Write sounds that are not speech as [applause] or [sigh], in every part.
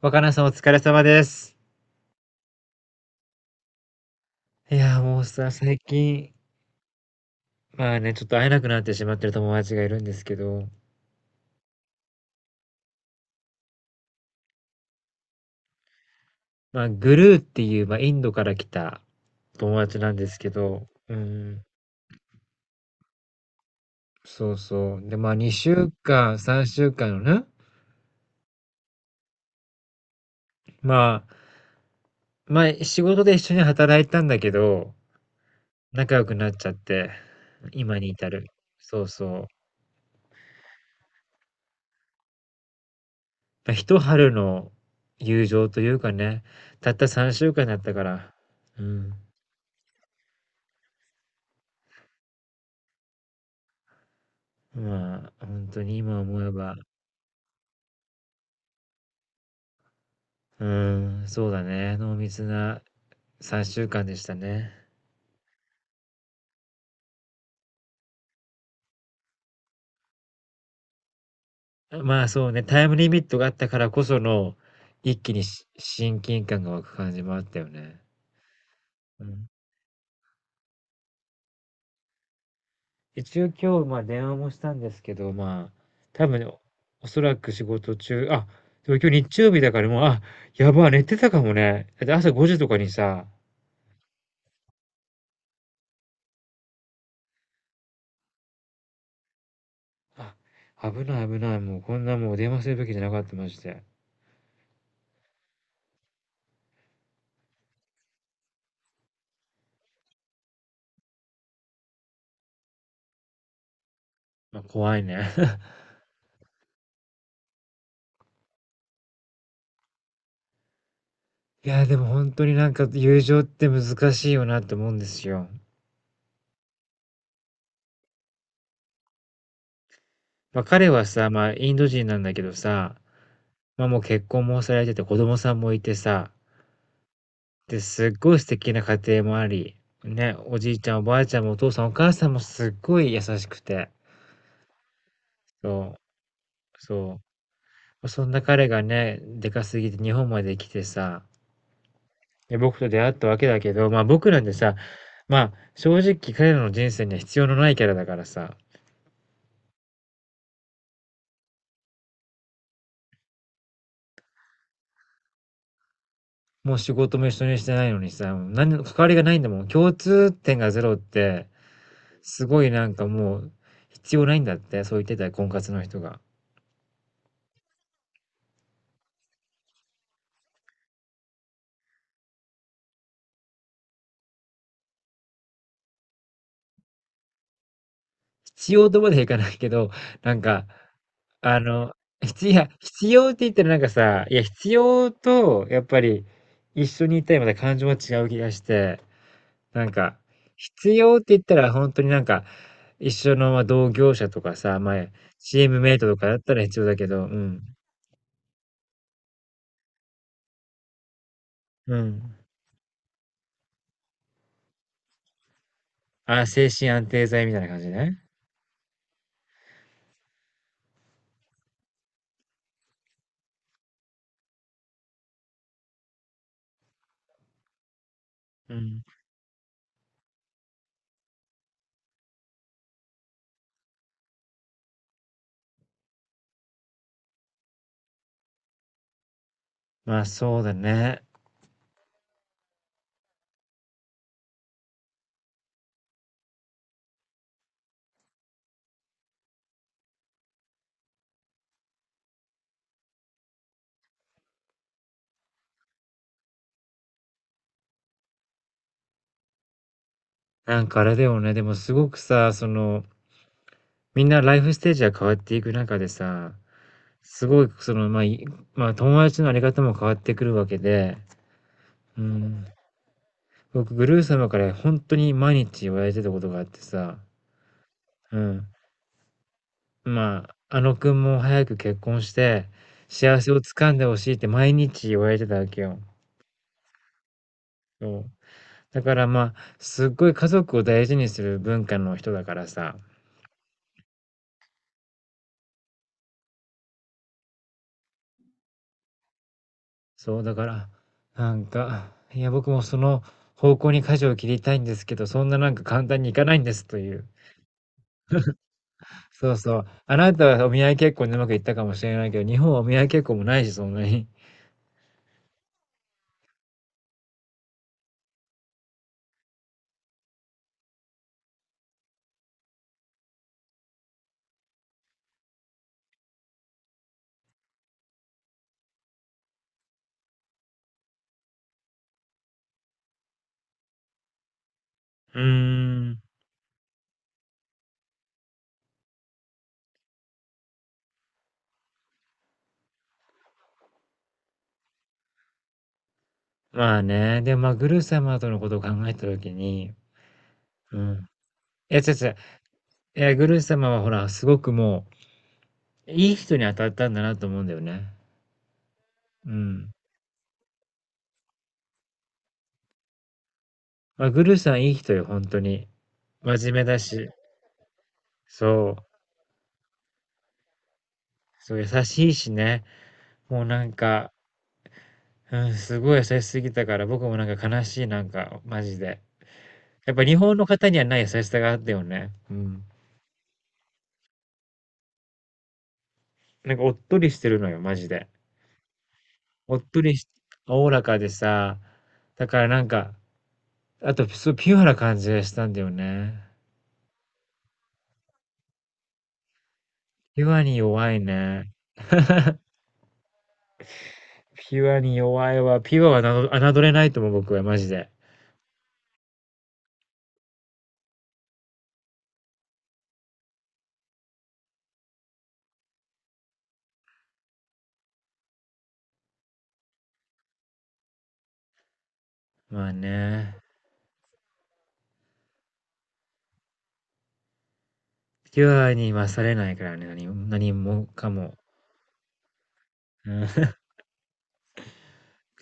若菜さんお疲れ様です。いや、もうさ、最近、まあね、ちょっと会えなくなってしまってる友達がいるんですけど、まあ、グルーっていう、まあ、インドから来た友達なんですけど、うん、そうそう。で、まあ、2週間、3週間のね、まあ、まあ、仕事で一緒に働いたんだけど、仲良くなっちゃって、今に至る。そうそう。まあ、一春の友情というかね、たった3週間だったから、うん。まあ、本当に今思えば、うーん、そうだね、濃密な3週間でしたね。まあ、そうね、タイムリミットがあったからこその、一気にし親近感が湧く感じもあったよね。うん。一応今日、まあ、電話もしたんですけど、まあ、多分、おおそらく仕事中あ、でも今日日曜日だからもう、あ、やばい、寝てたかもね。だって朝5時とかにさ、あ、危ない危ない、もうこんなもう電話するべきじゃなかった、ましてま、怖いね。いや、でもほんとになんか友情って難しいよなって思うんですよ。ま、彼はさ、ま、インド人なんだけどさ、ま、もう結婚もされてて子供さんもいてさ、で、すっごい素敵な家庭もあり、ね、おじいちゃんおばあちゃんもお父さんお母さんもすっごい優しくて、そう、そう。そんな彼がね、でかすぎて日本まで来てさ、で、僕と出会ったわけだけど、ま、僕なんてさ、ま、正直彼らの人生には必要のないキャラだからさ。もう仕事も一緒にしてないのにさ、もう何の関わりがないんだもん。共通点がゼロって、すごいなんかもう、必要ないんだって、そう言ってたよ、婚活の人が。必要とまではいかないけど、なんか、あの、必要、いや必要って言ったらなんかさ、いや、必要と、やっぱり、一緒にいたいまた感情は違う気がして、なんか、必要って言ったら本当になんか、一緒のまあ同業者とかさ、まあ、チームメイトとかだったら必要だけど、うん。うん。あ、精神安定剤みたいな感じね。うん。まあそうだね。なんかあれだよね。でもすごくさ、その、みんなライフステージが変わっていく中でさ、すごい、その、まあ、いまあ友達のあり方も変わってくるわけで、うん。僕、グルー様から本当に毎日言われてたことがあってさ、うん。まあ、あの君も早く結婚して、幸せをつかんでほしいって毎日言われてたわけよ。そう。だからまあ、すっごい家族を大事にする文化の人だからさ、そうだから、なんか、いや僕もその方向に舵を切りたいんですけど、そんななんか簡単にいかないんですという。そうそう。あなたはお見合い結婚でうまくいったかもしれないけど、日本はお見合い結婚もないし、そんなに。うーん。まあね、でもまあ、グル様とのことを考えた時に、うん。いや、違う違う。いや、グル様はほら、すごくもう、いい人に当たったんだなと思うんだよね。うん。まあ、グルさんいい人よ、本当に。真面目だし、そう、そう優しいしね。もうなんか、うん、すごい優しすぎたから、僕もなんか悲しい、なんか、マジで。やっぱ日本の方にはない優しさがあったよね。うん。なんかおっとりしてるのよ、マジで。おっとりし、おおらかでさ、だからなんか、あと、そうピュアな感じがしたんだよね。ピュアに弱いね。ピュアに弱いわ。ピュアはなど侮れないと思う、僕は、マジで。まあね。ピュアに勝れないからね、何も何もかも。うん [laughs]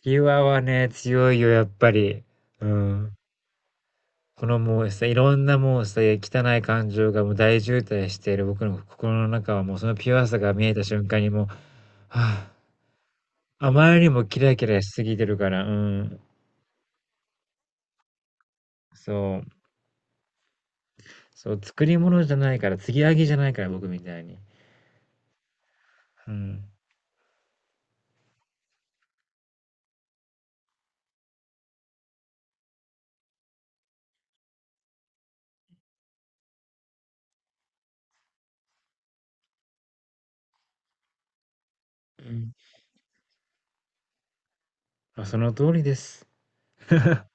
ピュアはね、強いよ、やっぱり。うん。このもうさ、いろんなもうさ、汚い感情がもう大渋滞している僕の心の中はもうそのピュアさが見えた瞬間にもう、はあ、あまりにもキラキラしすぎてるから、うん。そう。そう、作り物じゃないから、継ぎはぎじゃないから、僕みたいに。うん。うん。まあ、その通りです。[laughs]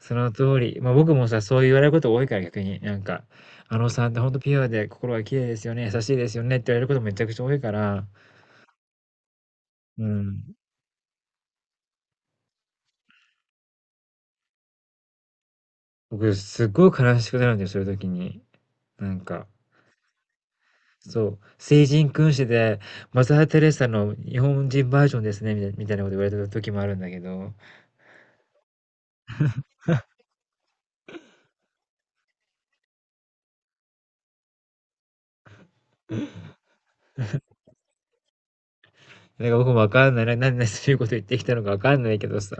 その通り。まあ、僕もさ、そう言われること多いから逆に、なんか、あのさんってほんとピュアで心が綺麗ですよね、優しいですよねって言われることめちゃくちゃ多いから、うん。僕すっごい悲しくなるんだよ、そういう時に。なんか、そう、聖人君子で、マザー・テレサの日本人バージョンですね、みたいみたいなこと言われた時もあるんだけど、なんか僕もわかんない、ななんでそういうこと言ってきたのかわかんないけどさ、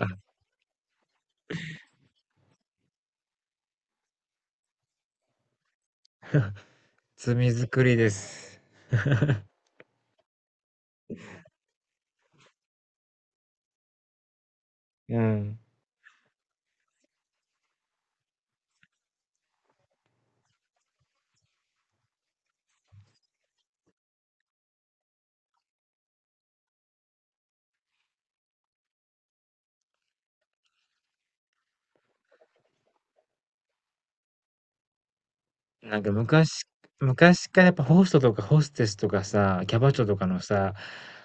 罪作りです。うん。なんか昔、昔からやっぱホストとかホステスとかさ、キャバ嬢とかのさ、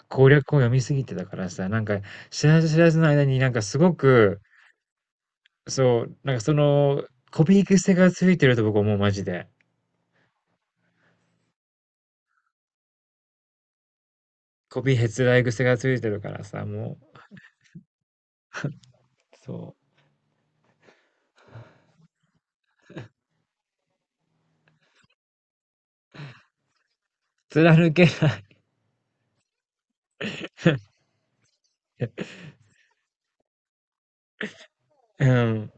攻略を読みすぎてたからさ、なんか知らず知らずの間になんかすごく、そう、なんかその、コピー癖がついてると僕思う、マジで。コピーへつらい癖がついてるからさ、もう、そう。貫けない。うん。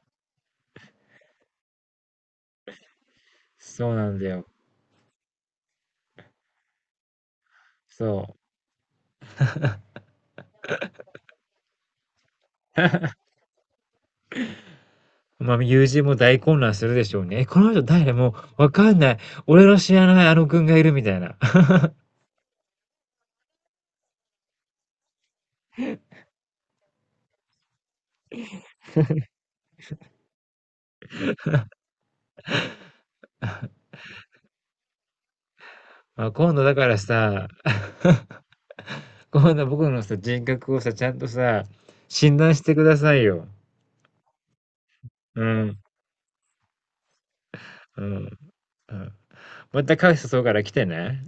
そうなんだよ。そう。まあ、友人も大混乱するでしょうね。え、この人誰もうわかんない。俺の知らないあの君がいるみたいな。[laughs] まあ、今度だからさ、[laughs] 今度僕のさ、人格をさ、ちゃんとさ、診断してくださいよ。うん。うん。うん。またカフェ誘うから来てね。